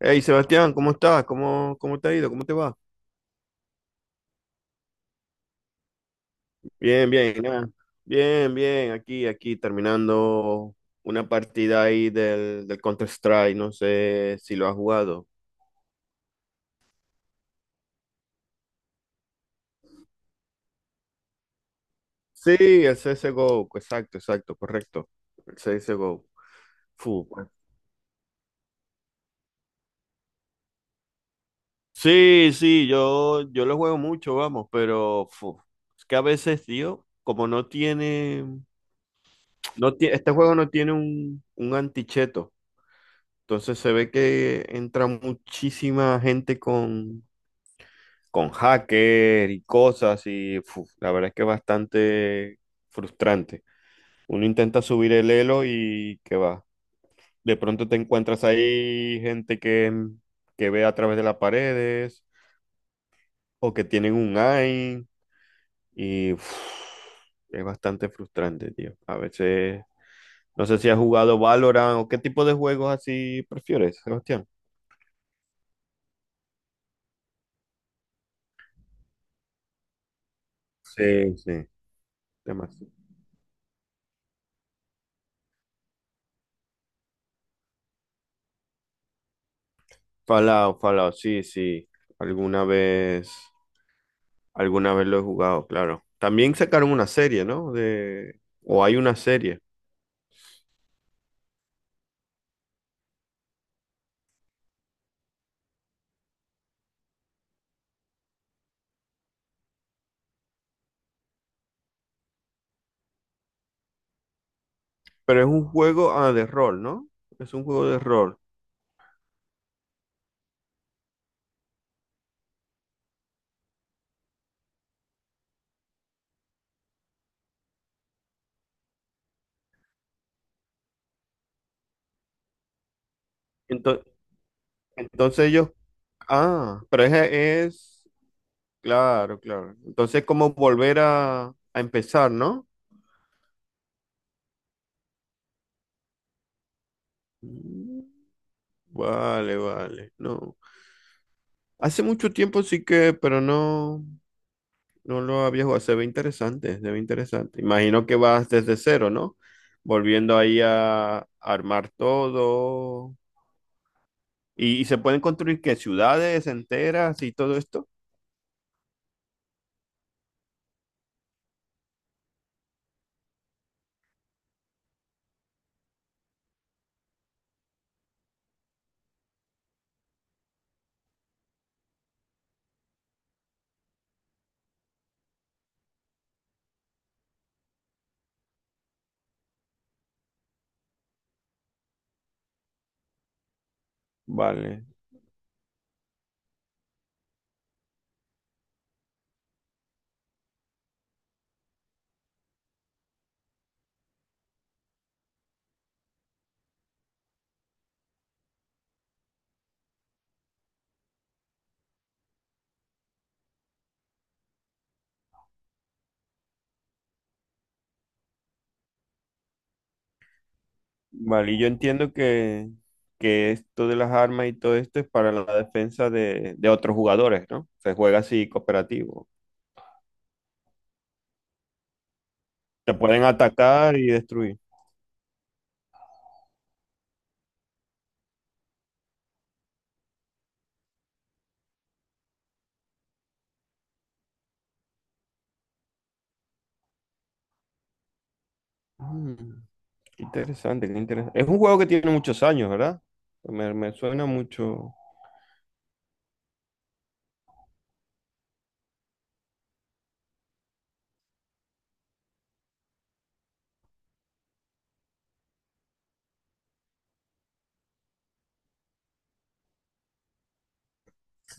Hey Sebastián, ¿cómo estás? ¿Cómo te ha ido? ¿Cómo te va? Bien, bien, nada. Bien, bien, terminando una partida ahí del Counter-Strike, no sé si lo has jugado. Sí, el CSGO, exacto, exacto, correcto. El CSGO. Fu, pues. Sí, sí, yo lo juego mucho, vamos, pero fu, es que a veces, tío, como no tiene, no tie- este juego no tiene un anticheto. Entonces se ve que entra muchísima gente con hacker y cosas y fu, la verdad es que es bastante frustrante. Uno intenta subir el elo y que va. De pronto te encuentras ahí gente que que ve a través de las paredes o que tienen un eye y fu, es bastante frustrante, tío. A veces, no sé si has jugado Valorant o qué tipo de juegos así prefieres, Sebastián. Sí, sí. Demás. Fallout, Fallout, sí, sí. Alguna vez, alguna vez lo he jugado, claro. También sacaron una serie, ¿no? De, o hay una serie, pero es un juego de rol, ¿no? Es un juego de rol. Entonces, entonces ellos, pero claro, claro. Entonces, cómo volver a empezar, ¿no? Mm, vale, vale, no. Hace mucho tiempo sí que, pero no. No lo había jugado, se ve interesante, se ve interesante. Imagino que vas desde cero, ¿no? Volviendo ahí a armar todo. ¿Y se pueden construir qué? ¿Ciudades enteras y todo esto? Vale, vale. Y yo entiendo que esto de las armas y todo esto es para la defensa de otros jugadores, ¿no? Se juega así cooperativo. Se pueden atacar y destruir. Mm, qué interesante, qué interesante. Es un juego que tiene muchos años, ¿verdad? Me suena mucho.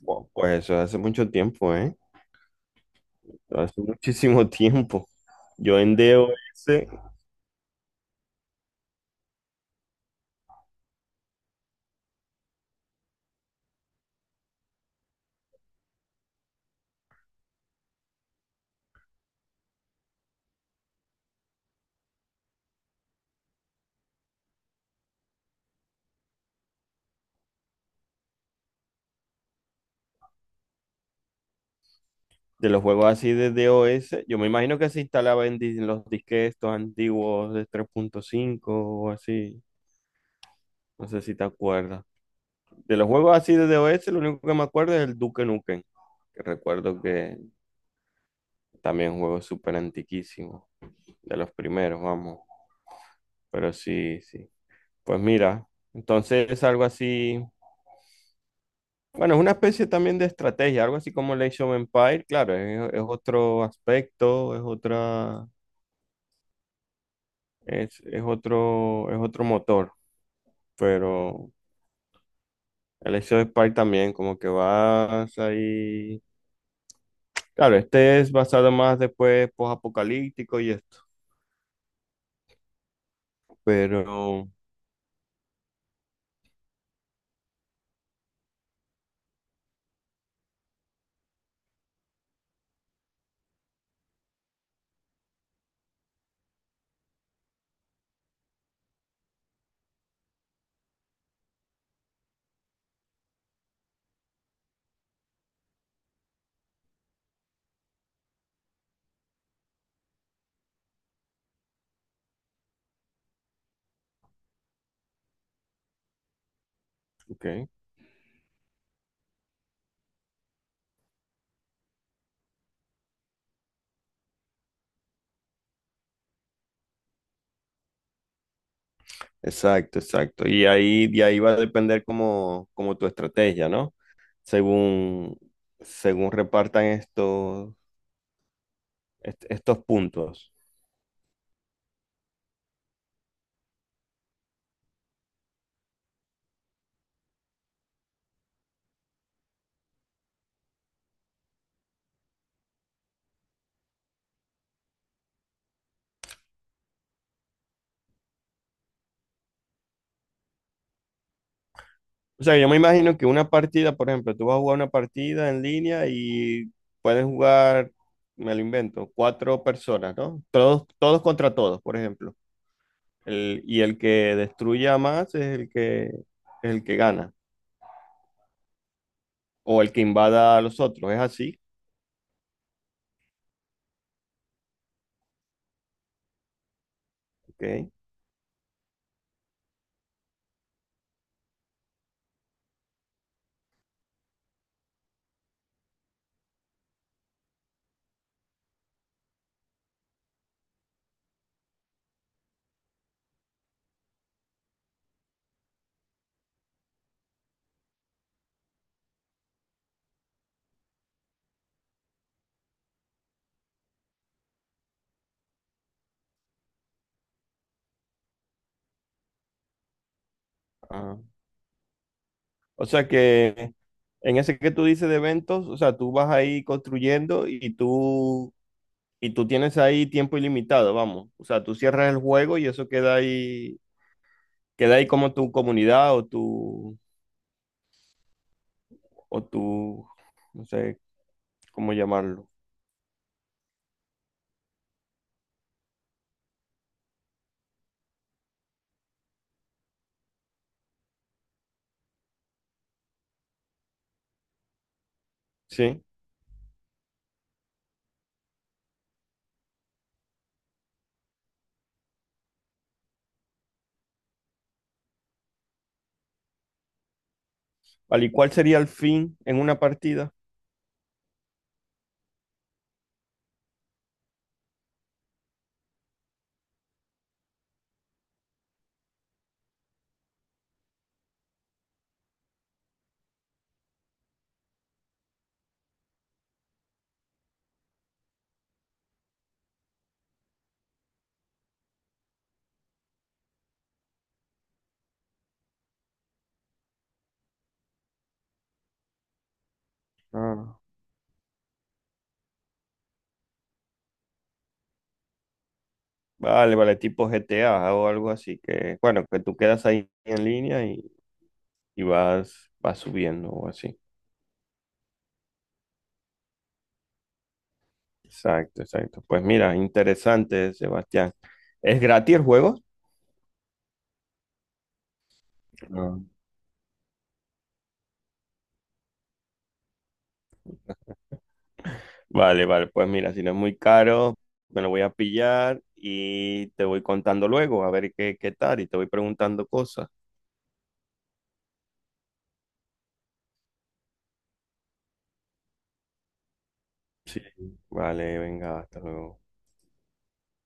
Wow, pues eso hace mucho tiempo, ¿eh? Hace muchísimo tiempo. Yo en DOS, de los juegos así de DOS, yo me imagino que se instalaba en, los disques estos antiguos de 3.5 o así. No sé si te acuerdas. De los juegos así de DOS, lo único que me acuerdo es el Duke Nukem, que recuerdo que también es un juego súper antiquísimo, de los primeros, vamos. Pero sí, sí. Pues mira, entonces es algo así. Bueno, es una especie también de estrategia, algo así como el Age of Empire, claro, es otro aspecto, es otra, es otro motor, pero el Age of Empire también, como que vas ahí. Claro, este es basado más después post-apocalíptico y esto, pero, ok, exacto, exacto. Y ahí, de ahí va a depender como tu estrategia, ¿no? Según, según repartan estos puntos. O sea, yo me imagino que una partida, por ejemplo, tú vas a jugar una partida en línea y pueden jugar, me lo invento, cuatro personas, ¿no? Todos contra todos, por ejemplo. Y el que destruya más es es el que gana, o el que invada a los otros, es así, ¿ok? Ah. O sea que en ese que tú dices de eventos, o sea, tú vas ahí construyendo y tú tienes ahí tiempo ilimitado, vamos. O sea, tú cierras el juego y eso queda ahí como tu comunidad o tu, no sé cómo llamarlo. ¿Sí? Vale, ¿y cuál sería el fin en una partida? Ah, vale, vale, tipo GTA o algo así que, bueno, que tú quedas ahí en línea y vas subiendo o así. Exacto, exacto. Pues mira, interesante, Sebastián. ¿Es gratis el juego? No. Vale, vale, pues mira, si no es muy caro, me lo voy a pillar y te voy contando luego a ver qué tal y te voy preguntando cosas. Sí, vale, venga, hasta luego.